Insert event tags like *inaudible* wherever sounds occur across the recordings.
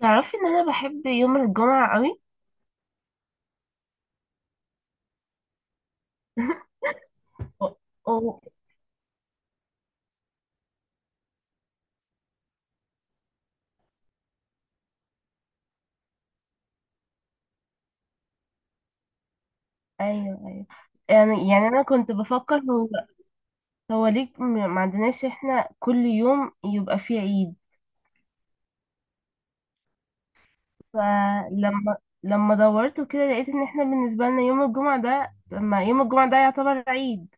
تعرفي ان انا بحب يوم الجمعة قوي؟ أو. أو. ايوه. يعني انا كنت بفكر هو. هو ليه ما عندناش احنا كل يوم يبقى فيه عيد؟ فلما لما دورت وكده لقيت ان احنا بالنسبة لنا يوم الجمعة ده لما يوم الجمعة ده يعتبر عيد.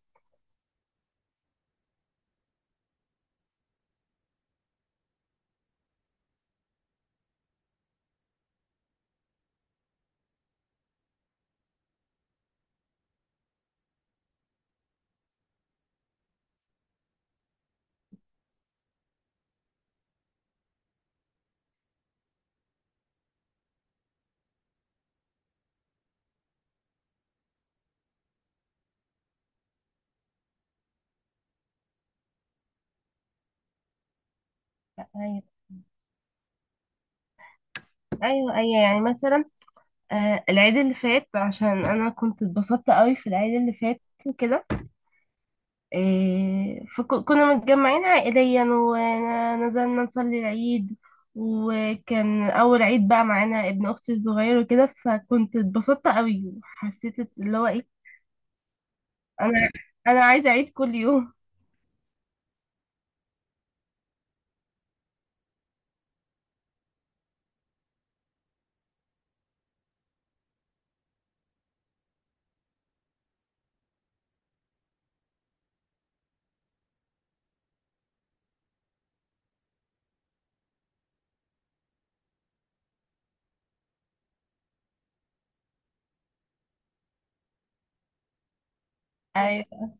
ايوه، ايوه، ايوه. يعني مثلا العيد اللي فات عشان انا كنت اتبسطت قوي في العيد اللي فات وكده. فكنا متجمعين عائليا ونزلنا نصلي العيد. وكان أول عيد بقى معانا ابن أختي الصغير وكده فكنت اتبسطت قوي وحسيت اللي هو إيه. أنا أنا عايزة أعيد كل يوم. أيوة.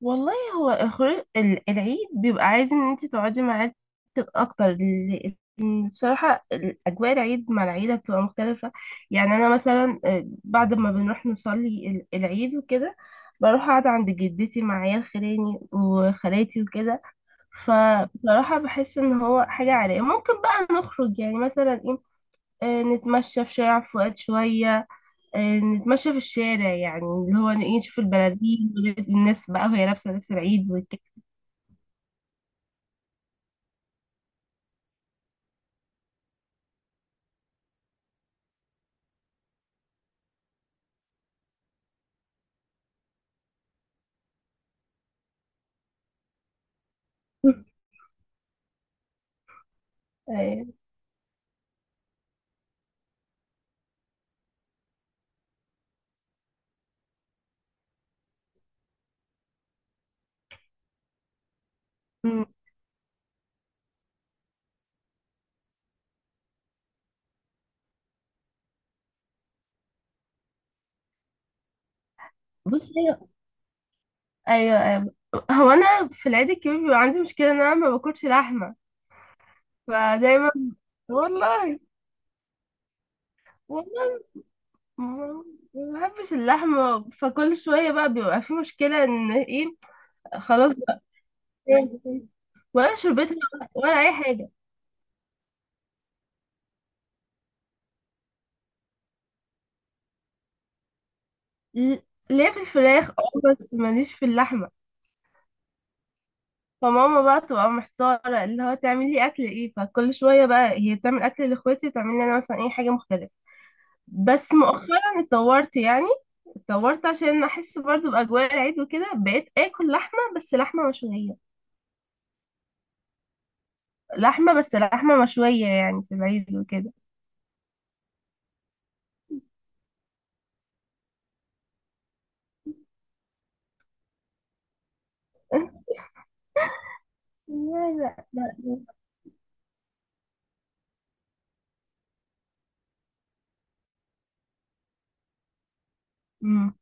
والله هو الخروج العيد بيبقى عايز ان انت تقعدي مع عيلتك اكتر، لأن بصراحة اجواء العيد مع العيلة بتبقى مختلفة. يعني انا مثلا، بعد ما بنروح نصلي العيد وكده بروح اقعد عند جدتي مع عيال خلاني وخالاتي وكده. فبصراحة بحس ان هو حاجة عائلية ممكن بقى نخرج يعني مثلا ايه؟ نتمشى في شارع فؤاد شوية. نتمشى في الشارع يعني اللي هو إيه، نشوف البلالين والناس بقى وهي لابسة لبس العيد والكلام. أيوة. أمم، بصي. أيوة، أيوة. هو أنا في العيد الكبير بيبقى عندي مشكلة إن أنا ما باكلش لحمة، فدايما، والله، والله، ما ما بحبش اللحمة فكل شوية بقى بيبقى في مشكلة إن إيه. خلاص بقى. ولا شربتها ولا أي حاجة. ل- ليه في الفراخ اه بس ماليش في اللحمة. فماما بقى تبقى محتارة اللي هو تعمل لي أكل إيه، فكل شوية بقى هي بتعمل أكل لإخواتي وتعمل لي أنا مثلا أي حاجة مختلفة. بس مؤخرا اتطورت يعني. اتطورت عشان أحس برضو بأجواء العيد وكده بقيت آكل لحمة بس لحمة مشوية. لحمة بس لحمة مشوية يعني في العيد وكده. *laughs* لا، لا، لا. مم.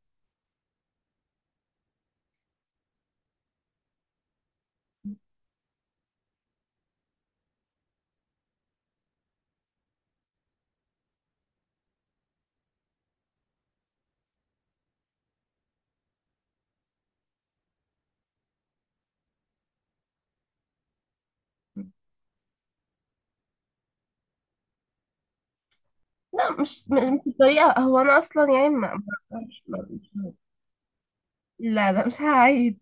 لا مش مش الطريقة، هو أنا أصلا يعني ما. ما- مش ما- مش- لا، لا، مش هعيد.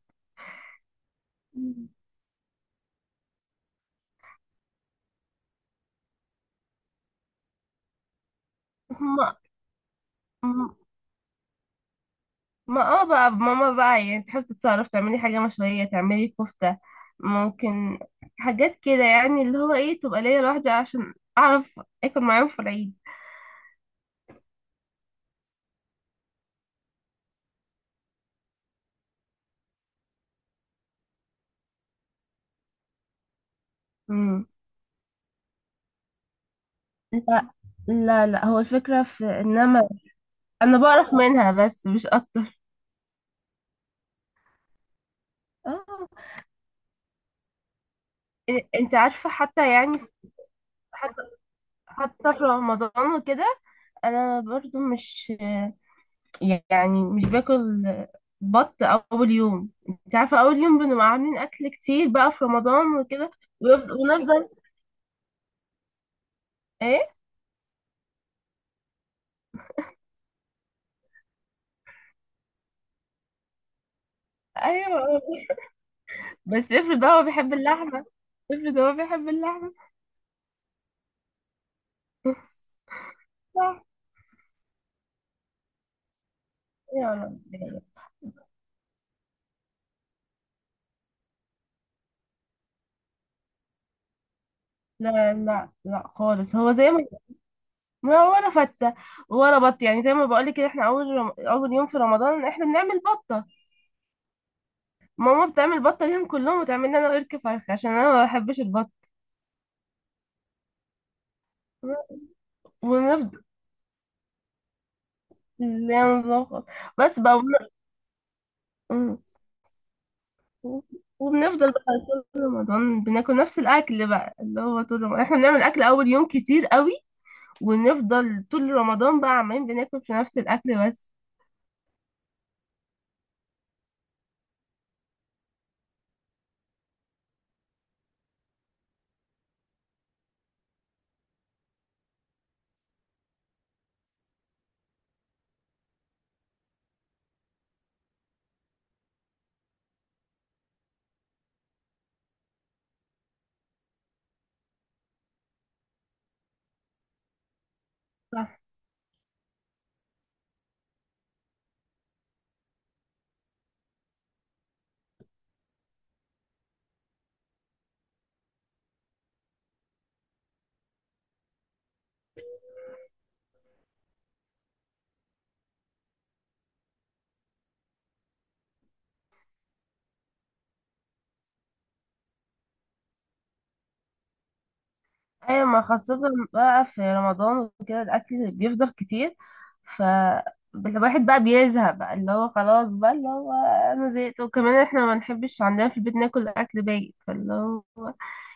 هما. ما بقى ماما بقى يعني تحب تتصرف تعملي حاجة مشوية تعملي كفتة ممكن حاجات كده يعني اللي هو ايه تبقى ليا لوحدي عشان اعرف اكل معاهم في العيد. امم. لا، لا، لا. هو الفكرة في ان انا بعرف منها بس مش اكتر. اه. انت عارفة حتى يعني. حتى حتى في رمضان وكده انا برضو مش يعني مش باكل بط اول يوم، انت عارفه، اول يوم بنبقى عاملين اكل كتير بقى في رمضان وكده. ونفضل ايه. ايوه. بس افرض هو بيحب اللحمه، افرض هو بيحب اللحمه. صح. يا رب. لا، لا، لا خالص. هو زي ما ما هو ولا فته ولا بط، يعني زي ما بقولك كده احنا اول يوم في رمضان احنا بنعمل بطه. ماما بتعمل بطه ليهم كلهم وتعمل لي انا ورك فرخ عشان انا ما بحبش البط. ونفضل لا، نظبط. بس بقى. مم. وبنفضل بقى طول رمضان بناكل نفس الاكل بقى اللي هو طول رمضان احنا بنعمل اكل اول يوم كتير قوي. ونفضل طول رمضان بقى عمالين بناكل في نفس الاكل بس. صح. ايوه ما خاصة بقى في رمضان وكده الاكل بيفضل كتير. ف الواحد بقى بيزهق بقى اللي هو خلاص بقى اللي هو انا زهقت. وكمان احنا ما بنحبش عندنا في البيت ناكل اكل بايت فاللي هو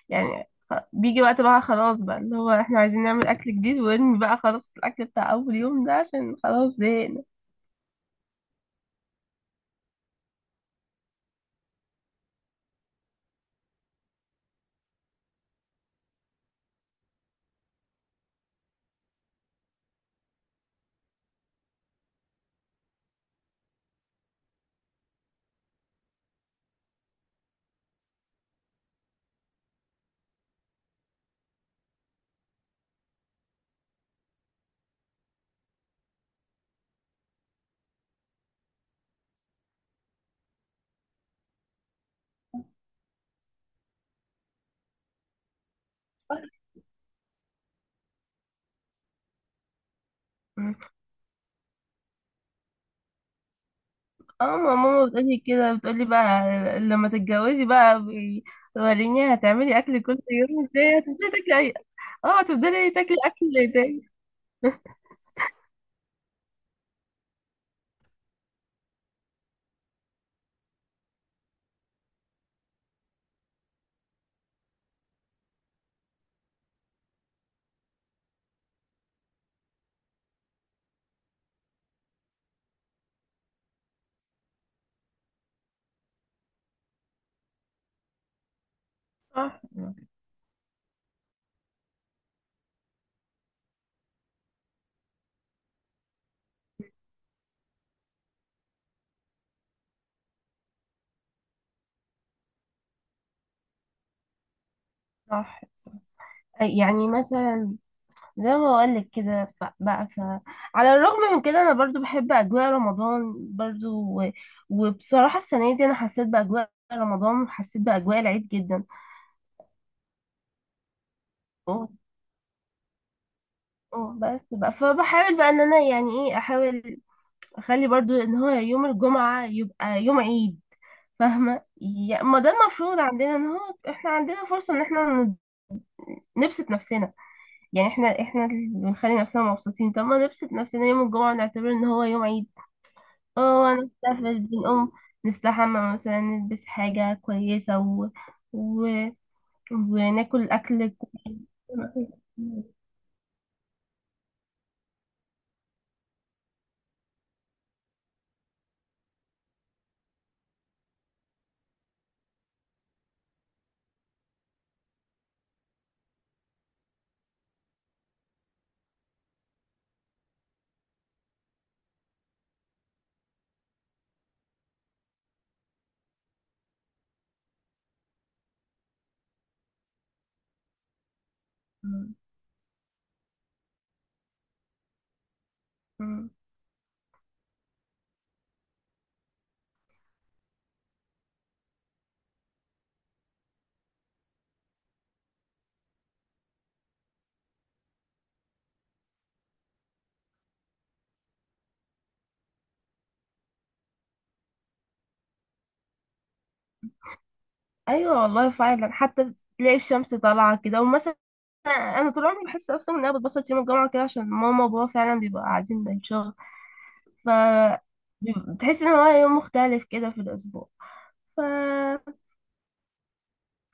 يعني. بيجي وقت بقى خلاص بقى اللي هو احنا عايزين نعمل اكل جديد وارمي بقى خلاص الاكل بتاع اول يوم ده عشان خلاص زهقنا. اه ما ماما بتقولي كده بتقولي بقى لما تتجوزي بقى، وريني هتعملي اكل كل يوم ازاي، هتفضلي تاكلي اه هتفضلي تاكلي اكل تاني. صح. صح. يعني مثلا زي ما بقولك كده، على الرغم من كده انا برضو بحب اجواء رمضان برضو. و... وبصراحة السنة دي انا حسيت باجواء رمضان وحسيت باجواء العيد جدا. أه، أه، بس بقى فبحاول بقى ان انا يعني ايه احاول اخلي برضو ان هو يوم الجمعة يبقى يوم عيد. فاهمة يعني ما ده المفروض عندنا ان هو احنا عندنا فرصة ان احنا نبسط نفسنا. يعني احنا اللي بنخلي نفسنا مبسوطين. طب ما نبسط نفسنا يوم الجمعة ونعتبر ان هو يوم عيد. اه نستفرش بنقوم نستحمى مثلا نلبس حاجة كويسة و... وناكل أكل كويس. مم. مم. أيوة والله فعلا حتى تلاقي الشمس طالعة كده ومثلا أنا طول عمري بحس أصلا إن أنا بتبسط يوم الجمعة كده عشان ماما وبابا فعلا بيبقوا قاعدين من الشغل. ف بتحس إن هو يوم مختلف كده في الأسبوع. ف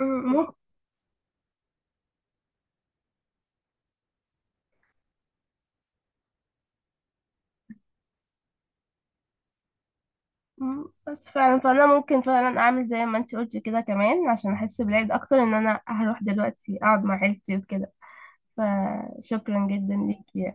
مم. مم. بس فعلا فانا ممكن فعلا اعمل زي ما انت قلتي كده كمان عشان احس بالعيد اكتر ان انا هروح دلوقتي اقعد مع عيلتي وكده. فشكرا جدا ليكي.